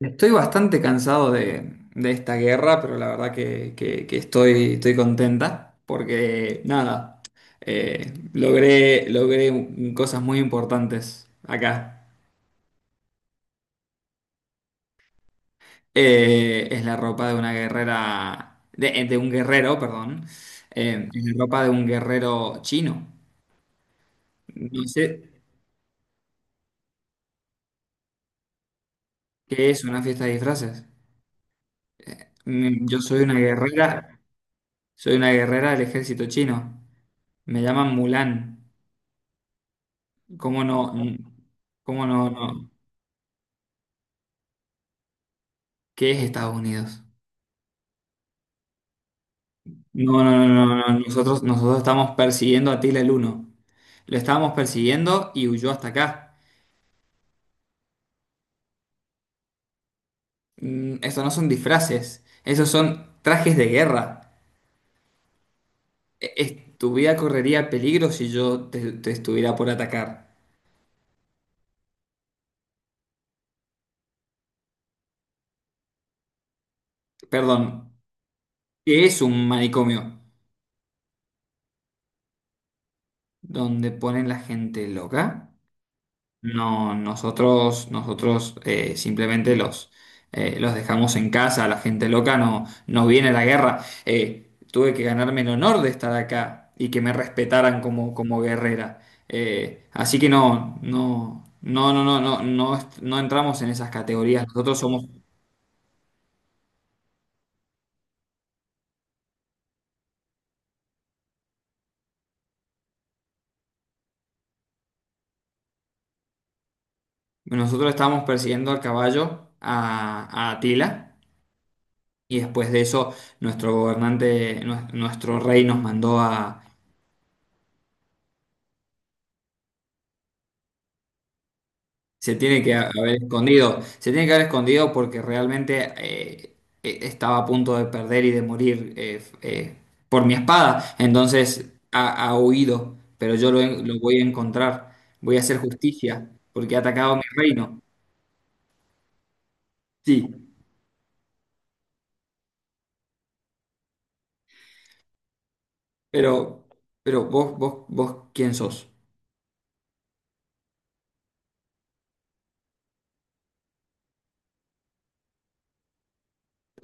Estoy bastante cansado de esta guerra, pero la verdad que estoy contenta porque, nada, logré cosas muy importantes acá. Es la ropa de una guerrera, de un guerrero, perdón. Es la ropa de un guerrero chino. No sé qué es una fiesta de disfraces. Mm, yo soy una guerrera del ejército chino. Me llaman Mulan. ¿Cómo no? ¿Cómo no, no? ¿Qué es Estados Unidos? No, no, no, no, no. Nosotros estamos persiguiendo a Tila el Uno. Lo estábamos persiguiendo y huyó hasta acá. Mm, estos no son disfraces, esos son trajes de guerra. Tu vida correría peligro si yo te estuviera por atacar. Perdón, ¿qué es un manicomio? ¿Donde ponen la gente loca? No, nosotros simplemente los dejamos en casa, la gente loca no viene a la guerra. Tuve que ganarme el honor de estar acá y que me respetaran como, como guerrera. Así que no, no, no, no, no, no, no, no entramos en esas categorías. Nosotros somos, nosotros estamos persiguiendo al caballo a Atila, y después de eso nuestro gobernante, nuestro rey nos mandó a Se tiene que haber escondido. Se tiene que haber escondido porque realmente estaba a punto de perder y de morir eh, por mi espada. Entonces ha huido, pero yo lo, lo voy a encontrar. Voy a hacer justicia porque ha atacado mi reino. Sí, pero, pero vos, ¿quién sos?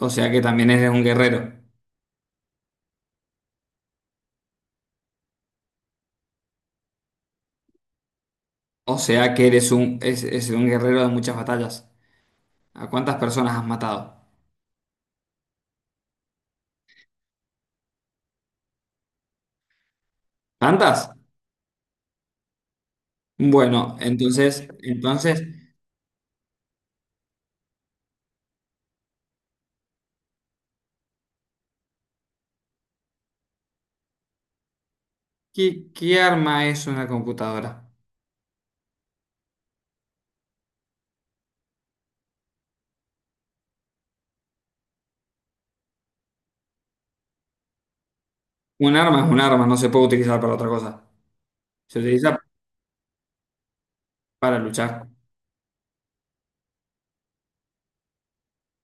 O sea que también eres un guerrero. O sea que eres es un guerrero de muchas batallas. ¿A cuántas personas has matado? ¿Tantas? Bueno, entonces, entonces. ¿Qué, qué arma es una computadora? Un arma es un arma, no se puede utilizar para otra cosa. Se utiliza para luchar.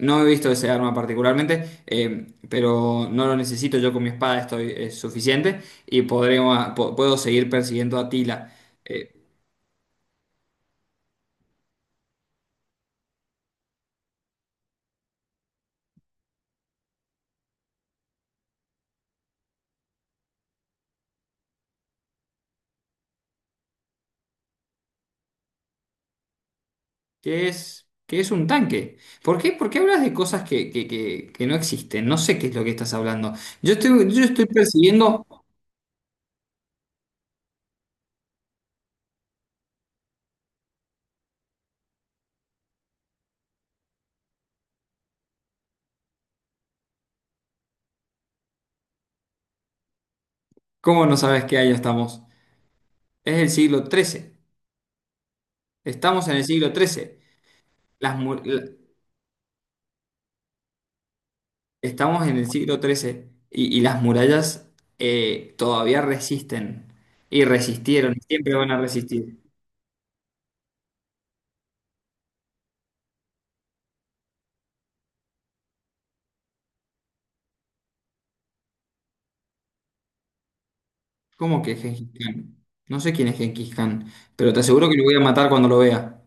No he visto ese arma particularmente, pero no lo necesito. Yo con mi espada estoy es suficiente y puedo seguir persiguiendo a Tila. Eh, ¿Qué es, qué es un tanque? Por qué hablas de cosas que no existen? No sé qué es lo que estás hablando. Yo estoy persiguiendo. ¿Cómo no sabes qué año estamos? Es el siglo XIII. Estamos en el siglo XIII. las mu- la- Estamos en el siglo XIII y las murallas todavía resisten y resistieron y siempre van a resistir. ¿Cómo que Gengis Khan? No sé quién es Gengis Khan, pero te aseguro que lo voy a matar cuando lo vea.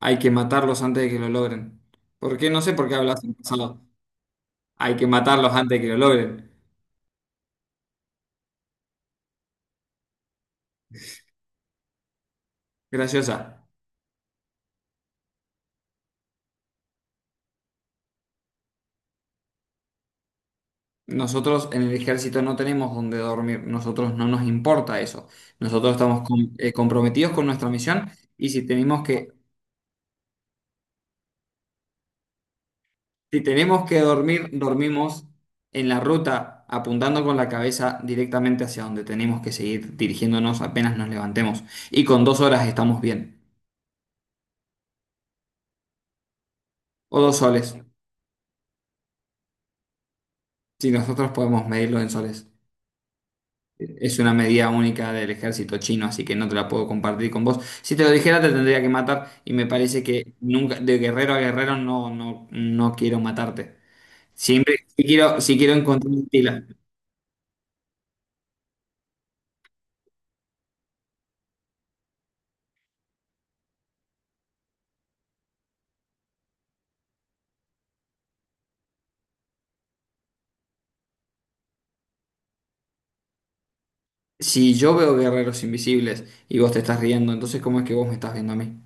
Hay que matarlos antes de que lo logren. ¿Por qué? No sé por qué hablas en pasado. Hay que matarlos antes de que lo logren. Graciosa. Nosotros en el ejército no tenemos dónde dormir. Nosotros no nos importa eso. Nosotros estamos comprometidos con nuestra misión. Y si tenemos que Si tenemos que dormir, dormimos en la ruta, apuntando con la cabeza directamente hacia donde tenemos que seguir dirigiéndonos apenas nos levantemos. Y con dos horas estamos bien. O dos soles, si nosotros podemos medirlo en soles. Es una medida única del ejército chino, así que no te la puedo compartir con vos. Si te lo dijera, te tendría que matar. Y me parece que nunca, de guerrero a guerrero, no, no, no quiero matarte. Siempre si quiero, si quiero encontrar un Si yo veo guerreros invisibles y vos te estás riendo, entonces ¿cómo es que vos me estás viendo a mí?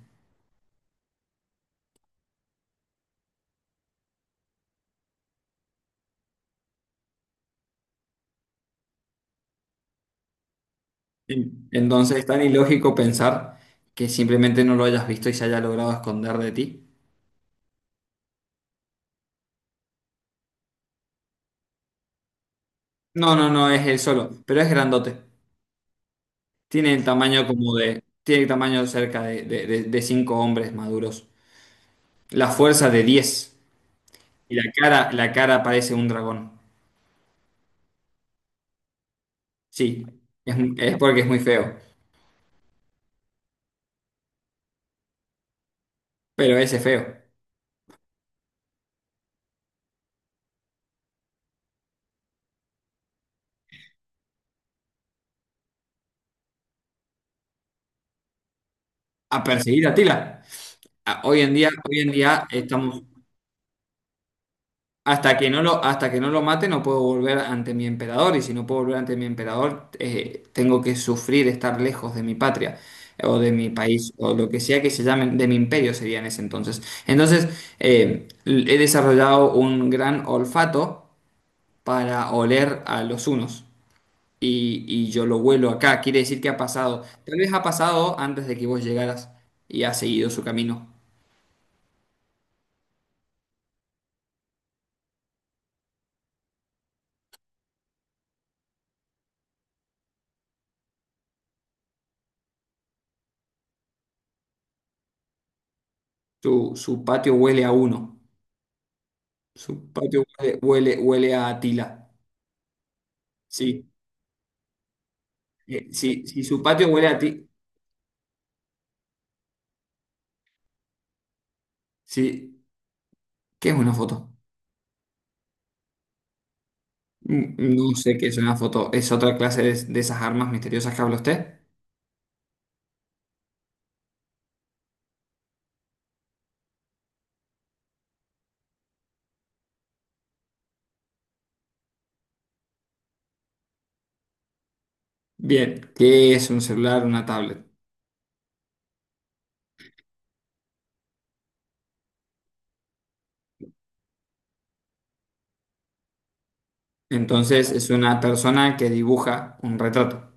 Sí. Entonces es tan ilógico pensar que simplemente no lo hayas visto y se haya logrado esconder de ti. No, no, no, es él solo, pero es grandote. Tiene el tamaño como de... Tiene el tamaño cerca de cinco hombres maduros. La fuerza de 10 y la cara parece un dragón. Sí, es porque es muy feo, pero ese es feo. A perseguir a Tila. Ah, hoy en día, hoy en día estamos... Hasta que no lo, hasta que no lo mate, no puedo volver ante mi emperador, y si no puedo volver ante mi emperador, tengo que sufrir estar lejos de mi patria, o de mi país, o lo que sea que se llame, de mi imperio sería en ese entonces. Entonces, he desarrollado un gran olfato para oler a los hunos. Y yo lo huelo acá, quiere decir que ha pasado. Tal vez ha pasado antes de que vos llegaras y ha seguido su camino. Su patio huele a uno. Su patio huele a Atila. Sí, sí, si su patio huele a ti, sí, ¿qué es una foto? Mm, no sé qué es una foto, es otra clase de esas armas misteriosas que habla usted. Bien, ¿qué es un celular, una tablet? Entonces es una persona que dibuja un retrato.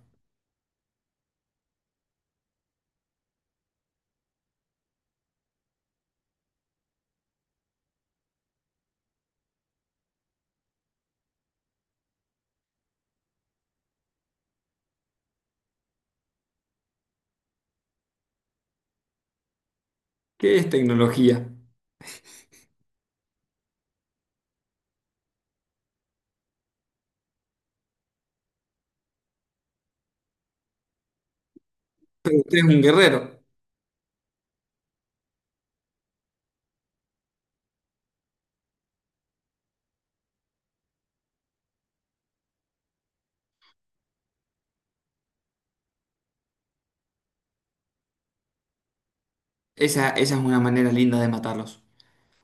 ¿Qué es tecnología? Pero usted es un guerrero. Esa es una manera linda de matarlos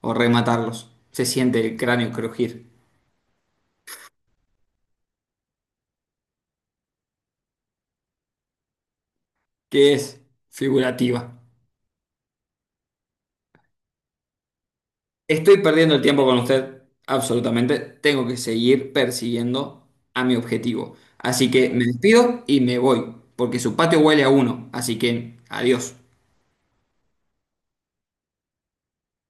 o rematarlos. Se siente el cráneo crujir. ¿Qué es figurativa? Estoy perdiendo el tiempo con usted, absolutamente. Tengo que seguir persiguiendo a mi objetivo. Así que me despido y me voy, porque su patio huele a uno. Así que adiós.